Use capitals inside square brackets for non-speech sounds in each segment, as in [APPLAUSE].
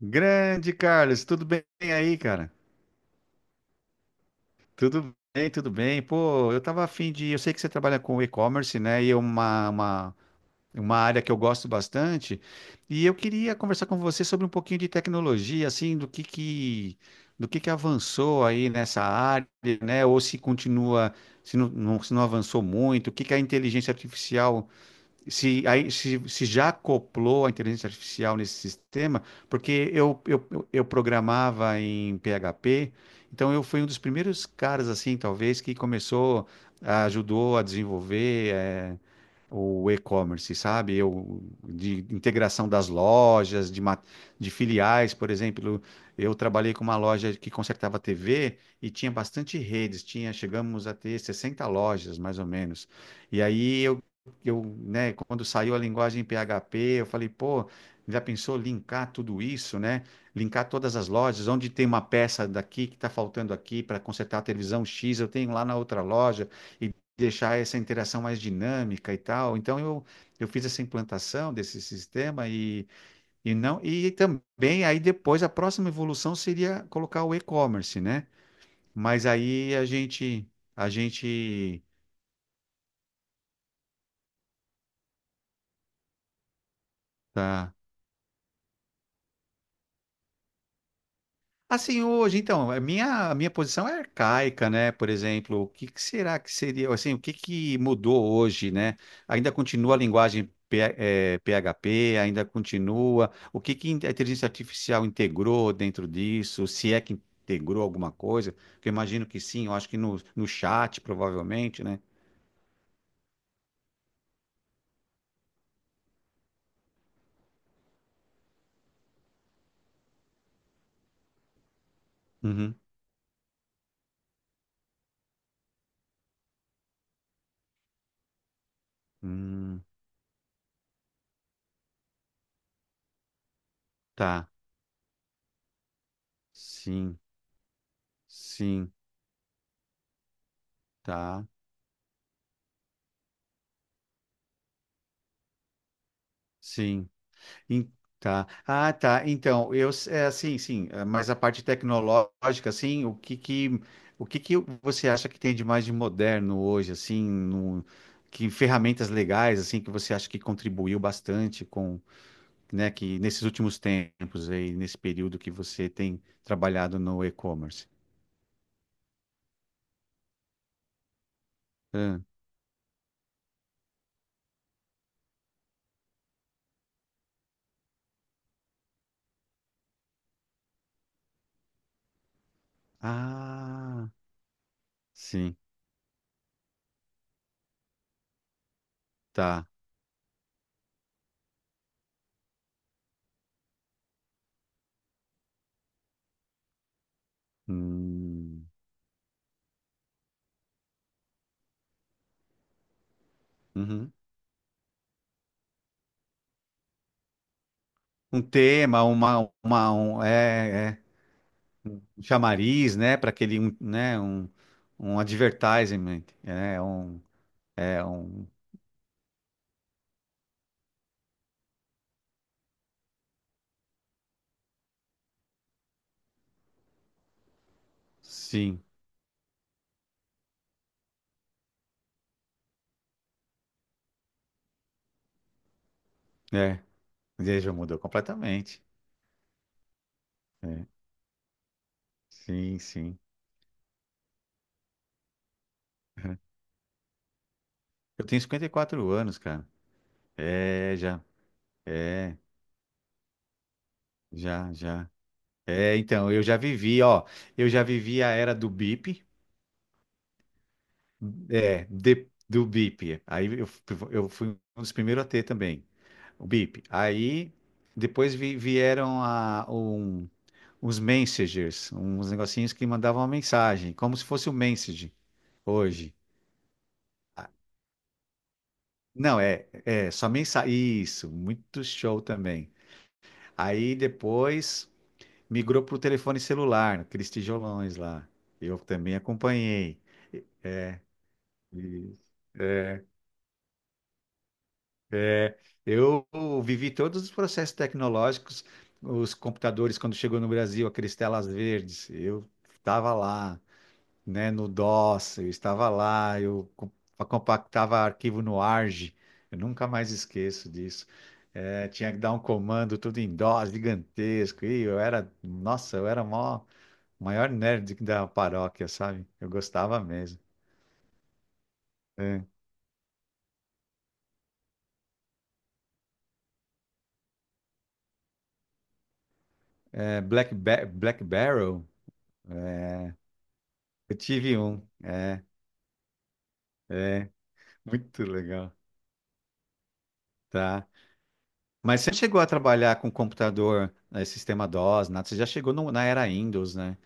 Grande Carlos, tudo bem aí, cara? Tudo bem, tudo bem. Pô, eu tava afim de. Eu sei que você trabalha com e-commerce, né? E é uma área que eu gosto bastante. E eu queria conversar com você sobre um pouquinho de tecnologia, assim, do que que avançou aí nessa área, né? Ou se continua, se não avançou muito, o que que é a inteligência artificial se, aí, se já acoplou a inteligência artificial nesse sistema, porque eu programava em PHP, então eu fui um dos primeiros caras, assim, talvez, que começou, ajudou a desenvolver, o e-commerce, sabe? Eu, de integração das lojas, de filiais, por exemplo. Eu trabalhei com uma loja que consertava TV e tinha bastante redes, tinha, chegamos a ter 60 lojas, mais ou menos. E aí eu, né, quando saiu a linguagem PHP, eu falei, pô, já pensou linkar tudo isso, né? Linkar todas as lojas, onde tem uma peça daqui que está faltando aqui para consertar a televisão X, eu tenho lá na outra loja, e deixar essa interação mais dinâmica e tal. Então eu fiz essa implantação desse sistema, e não e também aí depois a próxima evolução seria colocar o e-commerce, né? Mas aí a gente tá. Assim, hoje, então, a minha posição é arcaica, né? Por exemplo, o que que será que seria, assim, o que que mudou hoje, né? Ainda continua a linguagem PHP, ainda continua. O que que a inteligência artificial integrou dentro disso? Se é que integrou alguma coisa, que eu imagino que sim, eu acho que no chat, provavelmente, né? Uhum. Hum, tá, sim, sim, tá, sim. Em- Tá. Ah, tá. Então, é assim, sim, é, mas a parte tecnológica, assim, o que que você acha que tem de mais de moderno hoje, assim, no, que ferramentas legais, assim, que você acha que contribuiu bastante com, né, que nesses últimos tempos aí, nesse período que você tem trabalhado no e-commerce? Hã? Ah, sim, tá. Hum, uhum. Um tema, um, é, é. Um chamariz, né, para aquele, um, né, um advertisement, né, um, é um, sim, é, já mudou completamente, é, sim, sim. [LAUGHS] Eu tenho 54 anos, cara, é, já, é, já, já, é, então, eu já vivi, ó, eu já vivi a era do bip, do bip, aí eu, eu fui um dos primeiros a ter também, o bip, aí... Depois vieram a, um, os messengers, uns negocinhos que mandavam uma mensagem, como se fosse o message hoje. Ah, não, é, é só mensagem. Isso, muito show também. Aí depois migrou para o telefone celular, aqueles tijolões lá. Eu também acompanhei. E- é, eu vivi todos os processos tecnológicos, os computadores, quando chegou no Brasil, aqueles telas verdes, eu estava lá. Né, no DOS, eu estava lá, eu compactava arquivo no ARG, eu nunca mais esqueço disso. É, tinha que dar um comando tudo em DOS, gigantesco, e eu era, nossa, eu era o maior, maior nerd da paróquia, sabe? Eu gostava mesmo. É, é, Black Barrel, é, eu tive um, é, é, muito legal, tá? Mas você chegou a trabalhar com computador, sistema DOS, nada, você já chegou na era Windows, né?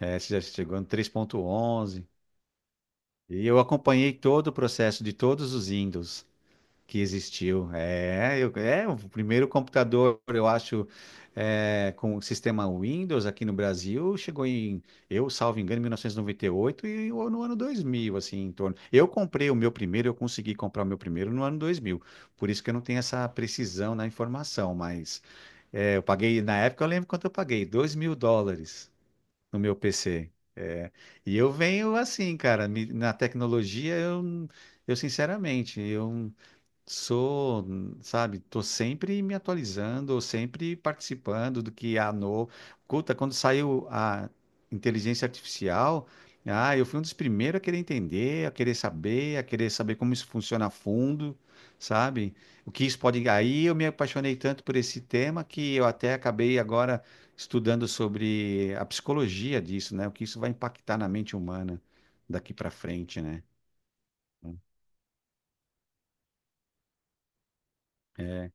É, você já chegou no 3.11. E eu acompanhei todo o processo de todos os Windows que existiu. É, eu- é o primeiro computador, eu acho, é, com o sistema Windows aqui no Brasil, chegou em, eu salvo engano, em 1998 e 98 e ou no ano 2000, assim, em torno. Eu comprei o meu primeiro, eu consegui comprar o meu primeiro no ano 2000. Por isso que eu não tenho essa precisão na informação, mas é, eu paguei, na época eu lembro quanto eu paguei, 2 mil dólares. Mil dólares no meu PC. É, e eu venho assim, cara, na tecnologia eu sinceramente, eu, sou, sabe, tô sempre me atualizando, sempre participando do que há novo. Escuta, quando saiu a inteligência artificial, ah, eu fui um dos primeiros a querer entender, a querer saber como isso funciona a fundo, sabe? O que isso pode. Aí eu me apaixonei tanto por esse tema que eu até acabei agora estudando sobre a psicologia disso, né? O que isso vai impactar na mente humana daqui para frente, né? É,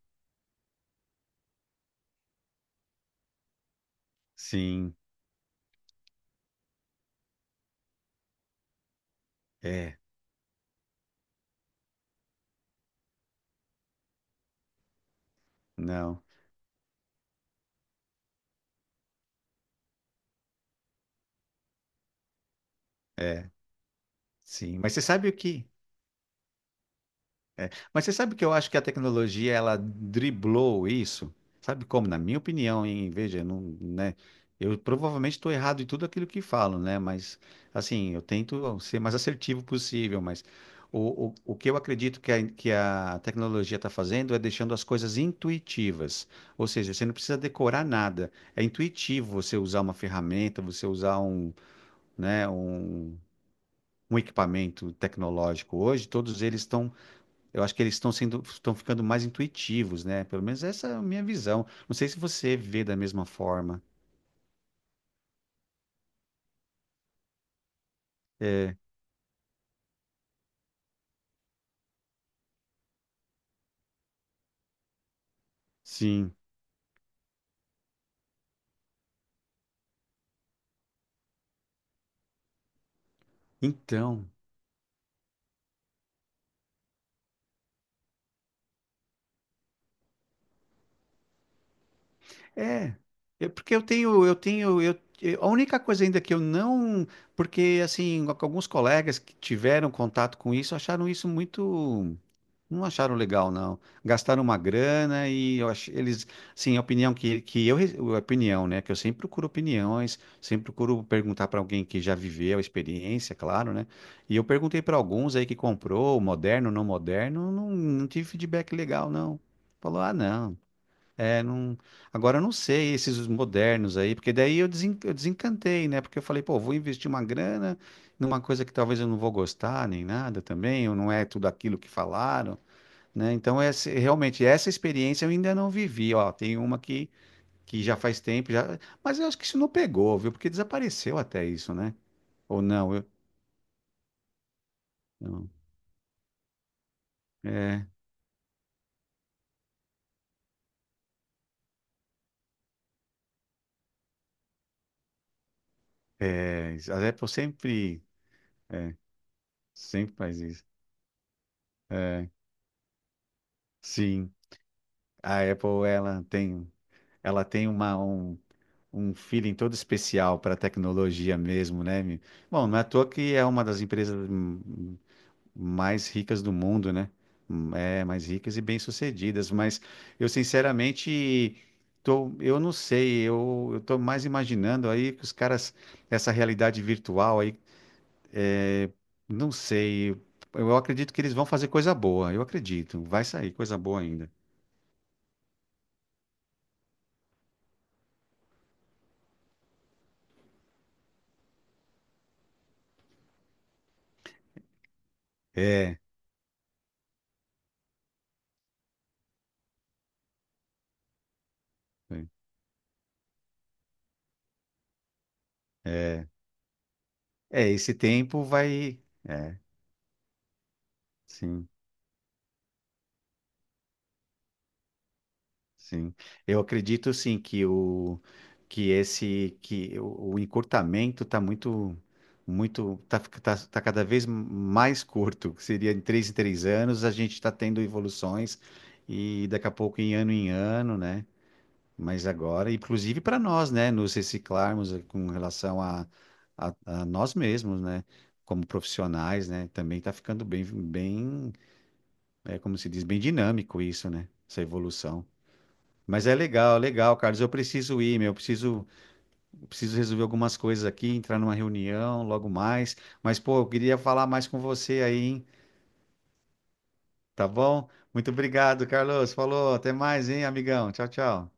sim, é, não. É, sim. Mas você sabe o que? É, mas você sabe que eu acho que a tecnologia ela driblou isso? Sabe como? Na minha opinião, hein? Veja, eu não, né? Eu provavelmente estou errado em tudo aquilo que falo, né? Mas assim, eu tento ser mais assertivo possível. Mas o que eu acredito que a tecnologia está fazendo é deixando as coisas intuitivas. Ou seja, você não precisa decorar nada. É intuitivo você usar uma ferramenta, você usar um, né? Um um equipamento tecnológico hoje, todos eles estão, eu acho que eles estão sendo, estão ficando mais intuitivos, né? Pelo menos essa é a minha visão. Não sei se você vê da mesma forma. É, sim. Então, é, é porque eu tenho, eu tenho, eu- a única coisa ainda que eu não, porque assim, alguns colegas que tiveram contato com isso acharam isso muito. Não acharam legal, não. Gastaram uma grana e eu ach... eles, sim, a opinião a opinião, né, que eu sempre procuro opiniões, sempre procuro perguntar para alguém que já viveu a experiência, claro, né? E eu perguntei para alguns aí que comprou, moderno, não, não tive feedback legal, não. Falou, ah, não. É, não. Agora eu não sei esses os modernos aí, porque daí eu desencantei, né? Porque eu falei, pô, vou investir uma grana numa coisa que talvez eu não vou gostar nem nada também, ou não é tudo aquilo que falaram, né? Então, esse- realmente, essa experiência eu ainda não vivi. Ó, tem uma que já faz tempo, já... mas eu acho que isso não pegou, viu? Porque desapareceu até isso, né? Ou não? Eu... não. É, é, a Apple sempre, é, sempre faz isso. É, sim, a Apple ela tem, ela tem um feeling todo especial para tecnologia mesmo, né, meu? Bom, não é à toa que é uma das empresas mais ricas do mundo, né? É, mais ricas e bem-sucedidas, mas eu sinceramente tô, eu não sei, eu tô mais imaginando aí que os caras, essa realidade virtual aí, não sei, eu acredito que eles vão fazer coisa boa, eu acredito, vai sair coisa boa ainda. É, é, é, esse tempo vai, é, sim. Sim, eu acredito sim que o que esse que o encurtamento está muito muito tá, cada vez mais curto, que seria em três anos a gente está tendo evoluções e daqui a pouco em ano, né? Mas agora, inclusive para nós, né, nos reciclarmos, com relação a, a nós mesmos, né, como profissionais, né, também está ficando bem bem, é, como se diz, bem dinâmico isso, né? Essa evolução. Mas é legal, legal, Carlos. Eu preciso ir, meu. Eu preciso resolver algumas coisas aqui, entrar numa reunião logo mais. Mas, pô, eu queria falar mais com você aí, hein? Tá bom? Muito obrigado, Carlos. Falou. Até mais, hein, amigão. Tchau, tchau.